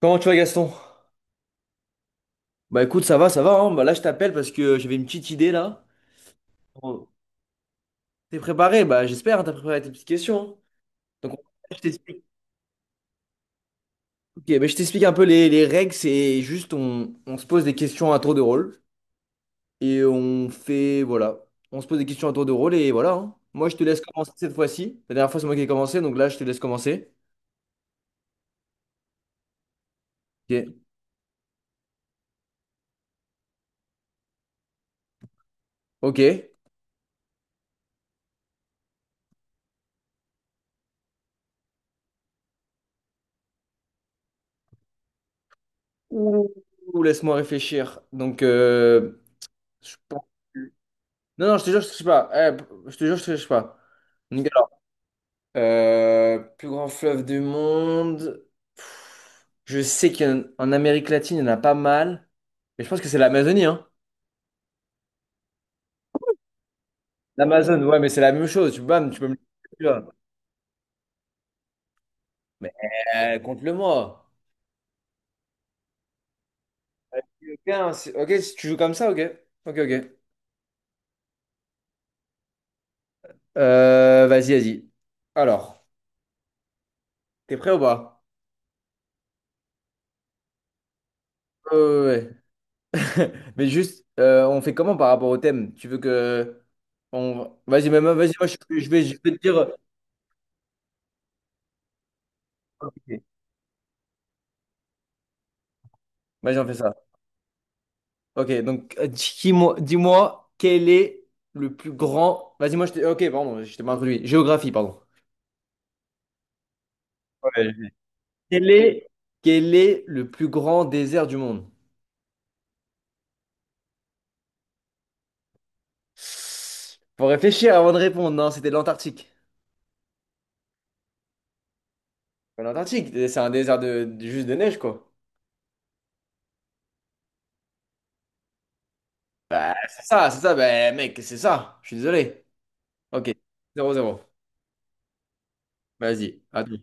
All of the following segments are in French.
Comment tu vas Gaston? Bah écoute, ça va, hein. Bah là je t'appelle parce que j'avais une petite idée là. Oh. T'es préparé? Bah j'espère, hein, t'as préparé tes petites questions. Hein. Donc je t'explique. Ok, bah, je t'explique un peu les règles, c'est juste on se pose des questions à tour de rôle et on fait, voilà, on se pose des questions à tour de rôle et voilà. hein. Moi je te laisse commencer cette fois-ci. La dernière fois c'est moi qui ai commencé, donc là je te laisse commencer. Ok. Ok. Ouh, laisse-moi réfléchir. Donc je pense- Non, non, je te jure, je triche pas. Eh, je te jure, je triche pas. Plus grand fleuve du monde. Pff, je sais qu'en en Amérique latine, il y en a pas mal. Mais je pense que c'est l'Amazonie, hein. L'Amazone, ouais, mais c'est la même chose. Tu, bam, tu peux me le dire. Mais compte-le-moi. Ok, hein, ok, si tu joues comme ça, ok. Ok, ok. Vas-y, vas-y. Alors, t'es prêt ou pas? Euh, ouais. Ouais. Mais juste, on fait comment par rapport au thème? Tu veux que... On... Vas-y, même, vas-y, moi, je vais te dire... Ok. Vas-y, on fait ça. Ok, donc dis-moi quel est le plus grand. Vas-y, moi je t'ai. Ok, pardon, je t'ai mal introduit. Géographie, pardon. Ouais, je- Quel est... quel est le plus grand désert du monde? Faut réfléchir avant de répondre. Non, c'était l'Antarctique. Mais l'Antarctique, c'est un désert de... juste de neige, quoi. Bah, c'est ça, c'est ça. Bah, mec, c'est ça. Je suis désolé. Ok, zéro zéro. Vas-y, attends.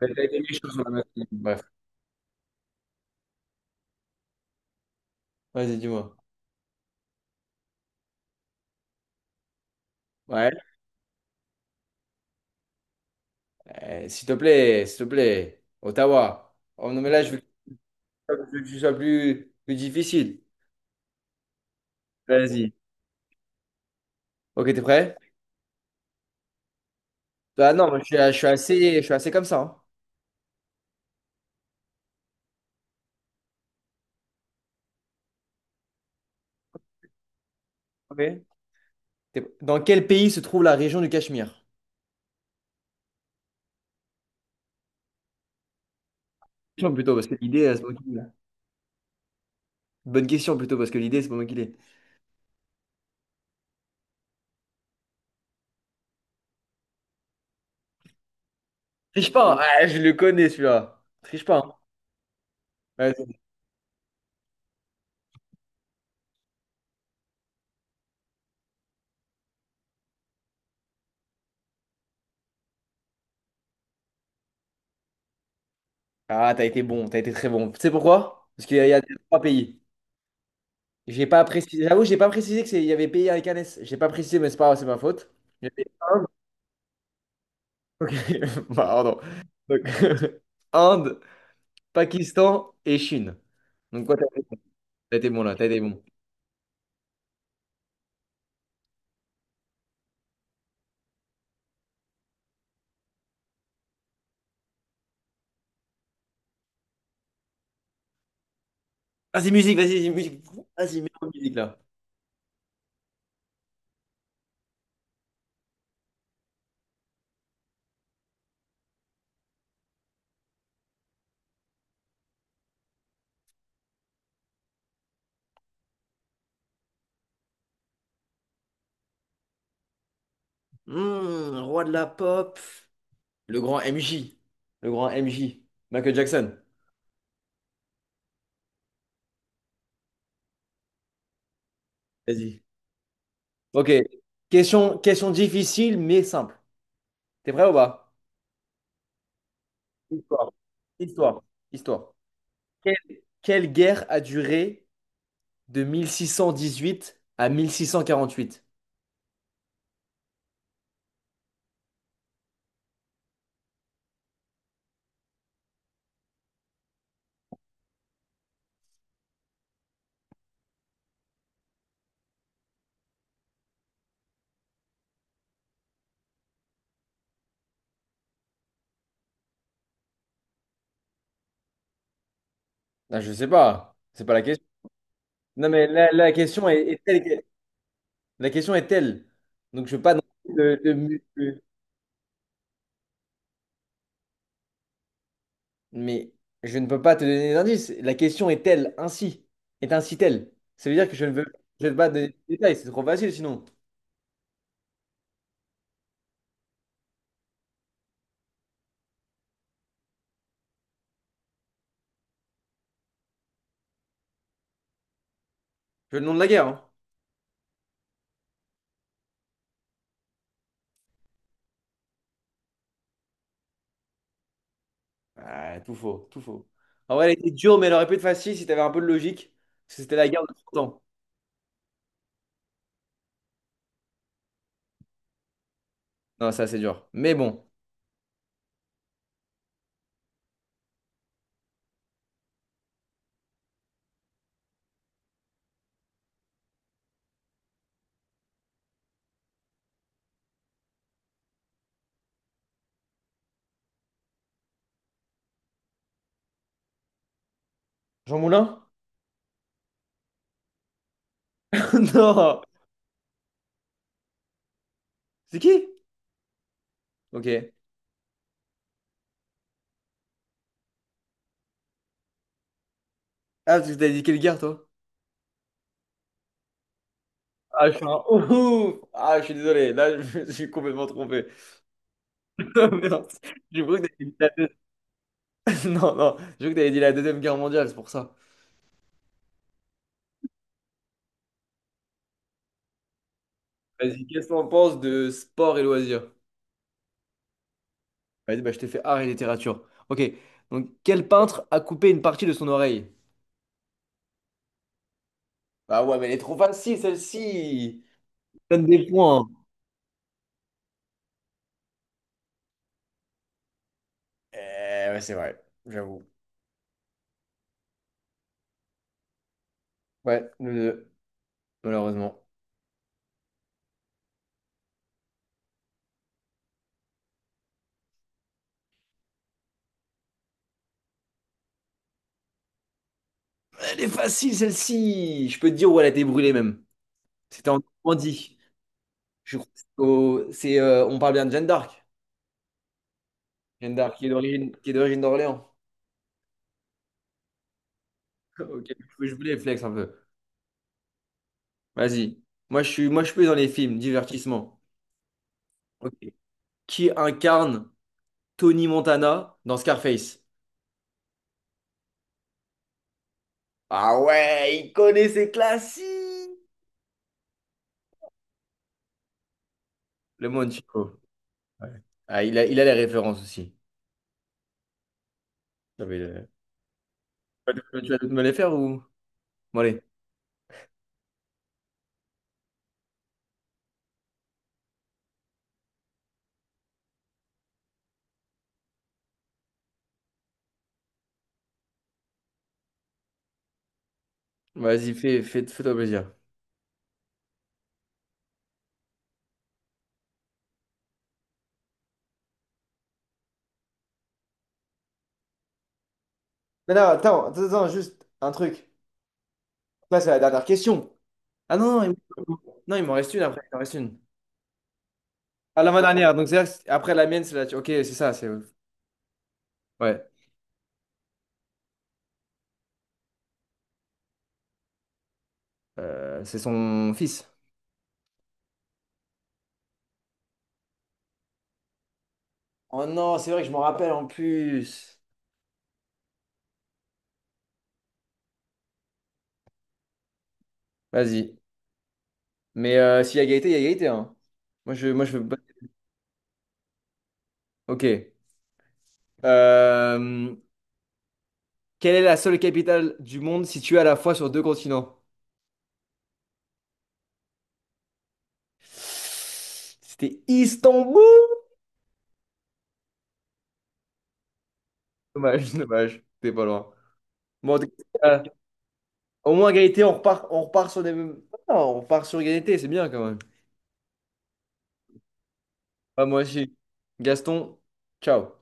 T'as été méchant sur la machine. Bref, vas-y, dis-moi. Ouais. S'il te plaît, s'il te plaît. Ottawa. Oh non, mais là, je que ce soit plus difficile. Vas-y. Ok, t'es prêt? Bah non, moi, je suis assez comme ça. Hein. Ok. Dans quel pays se trouve la région du Cachemire? Question plutôt, parce que l'idée, c'est moi qui l'ai. Bonne question plutôt, parce que l'idée, c'est pas moi qui l'ai. Triche pas! Hein. Ah, je le connais celui-là. Triche pas. Hein. Vas-y. Ah, t'as été bon, t'as été très bon. Tu sais pourquoi? Parce qu'il y a trois pays. J'ai pas précisé. J'avoue, j'ai pas précisé que il y avait pays avec un S. J'ai pas précisé, mais c'est pas grave, c'est ma faute. Il y avait Inde. Ok, pardon. Donc, Inde, Pakistan et Chine. Donc, quoi, t'as été bon là, t'as été bon. Vas-y, musique. Vas-y, mets-moi musique là. Hmm, roi de la pop. Le grand MJ. Le grand MJ. Michael Jackson. Vas-y. Ok. Question, question difficile mais simple. T'es prêt ou pas? Histoire. Histoire. Histoire. Quelle guerre a duré de 1618 à 1648? Ah, je sais pas. C'est pas la question. Non, mais la question La question est telle. Donc, je veux pas non plus Mais je ne peux pas te donner d'indice. La question est telle, ainsi. Est ainsi telle. Ça veut dire que je ne veux pas donner de détails. C'est trop facile sinon. Je veux le nom de la guerre. Hein. Ah, tout faux, tout faux. En vrai, elle était dure, mais elle aurait pu être facile si t'avais un peu de logique. Parce que c'était la guerre de Trente ans. Non, ça, c'est dur. Mais bon. Jean Moulin? Non! C'est qui? Ok. Ah, parce que t'as dit quelle guerre, toi? Ah, je suis un ouf! Ah, je suis désolé. Là, je me suis complètement trompé. Non, merde. Je crois que t'avais dit la deux- Non, non, je crois que t'avais dit la Deuxième Guerre mondiale, c'est pour ça. Vas-y, qu'est-ce qu'on pense de sport et loisirs? Vas-y, bah, je t'ai fait art et littérature. Ok, donc quel peintre a coupé une partie de son oreille? Ah ouais, mais elle est trop facile celle-ci! Donne des points. Hein. Eh ouais, c'est vrai, j'avoue. Ouais, nous deux, malheureusement. Elle est facile celle-ci! Je peux te dire où elle a été brûlée même. C'était en Normandie. Je crois que c'est, on parle bien de Jeanne d'Arc. Jeanne d'Arc qui est d'origine d'Orléans. Ok, je voulais flex un peu. Vas-y. Moi, je suis dans les films, divertissement. Ok. Qui incarne Tony Montana dans Scarface? Ah ouais, il connaît ses classiques. Le monde Chico. Ouais. Ah, il a les références aussi. J'avais le- Tu vas toutes me les faire ou? Bon, allez, vas-y, fais-toi plaisir. Non, non, attends, juste un truc. Là, c'est la dernière question. Ah non, non, non, il m'en reste une après. Il m'en reste une. Ah, l'avant-dernière. Donc, après la mienne, c'est la. Ok, c'est ça. C'est... Ouais. C'est son fils. Oh non, c'est vrai que je m'en rappelle en plus. Vas-y. Mais s'il y a égalité, il y a égalité, hein. Moi, je veux. Ok. Euh, quelle est la seule capitale du monde située à la fois sur deux continents? C'était Istanbul. Dommage, dommage. T'es pas loin. Bon, en tout cas, au moins égalité, on repart sur des mêmes. Non, on repart sur égalité, c'est bien quand même. Ah, moi aussi. Gaston, ciao.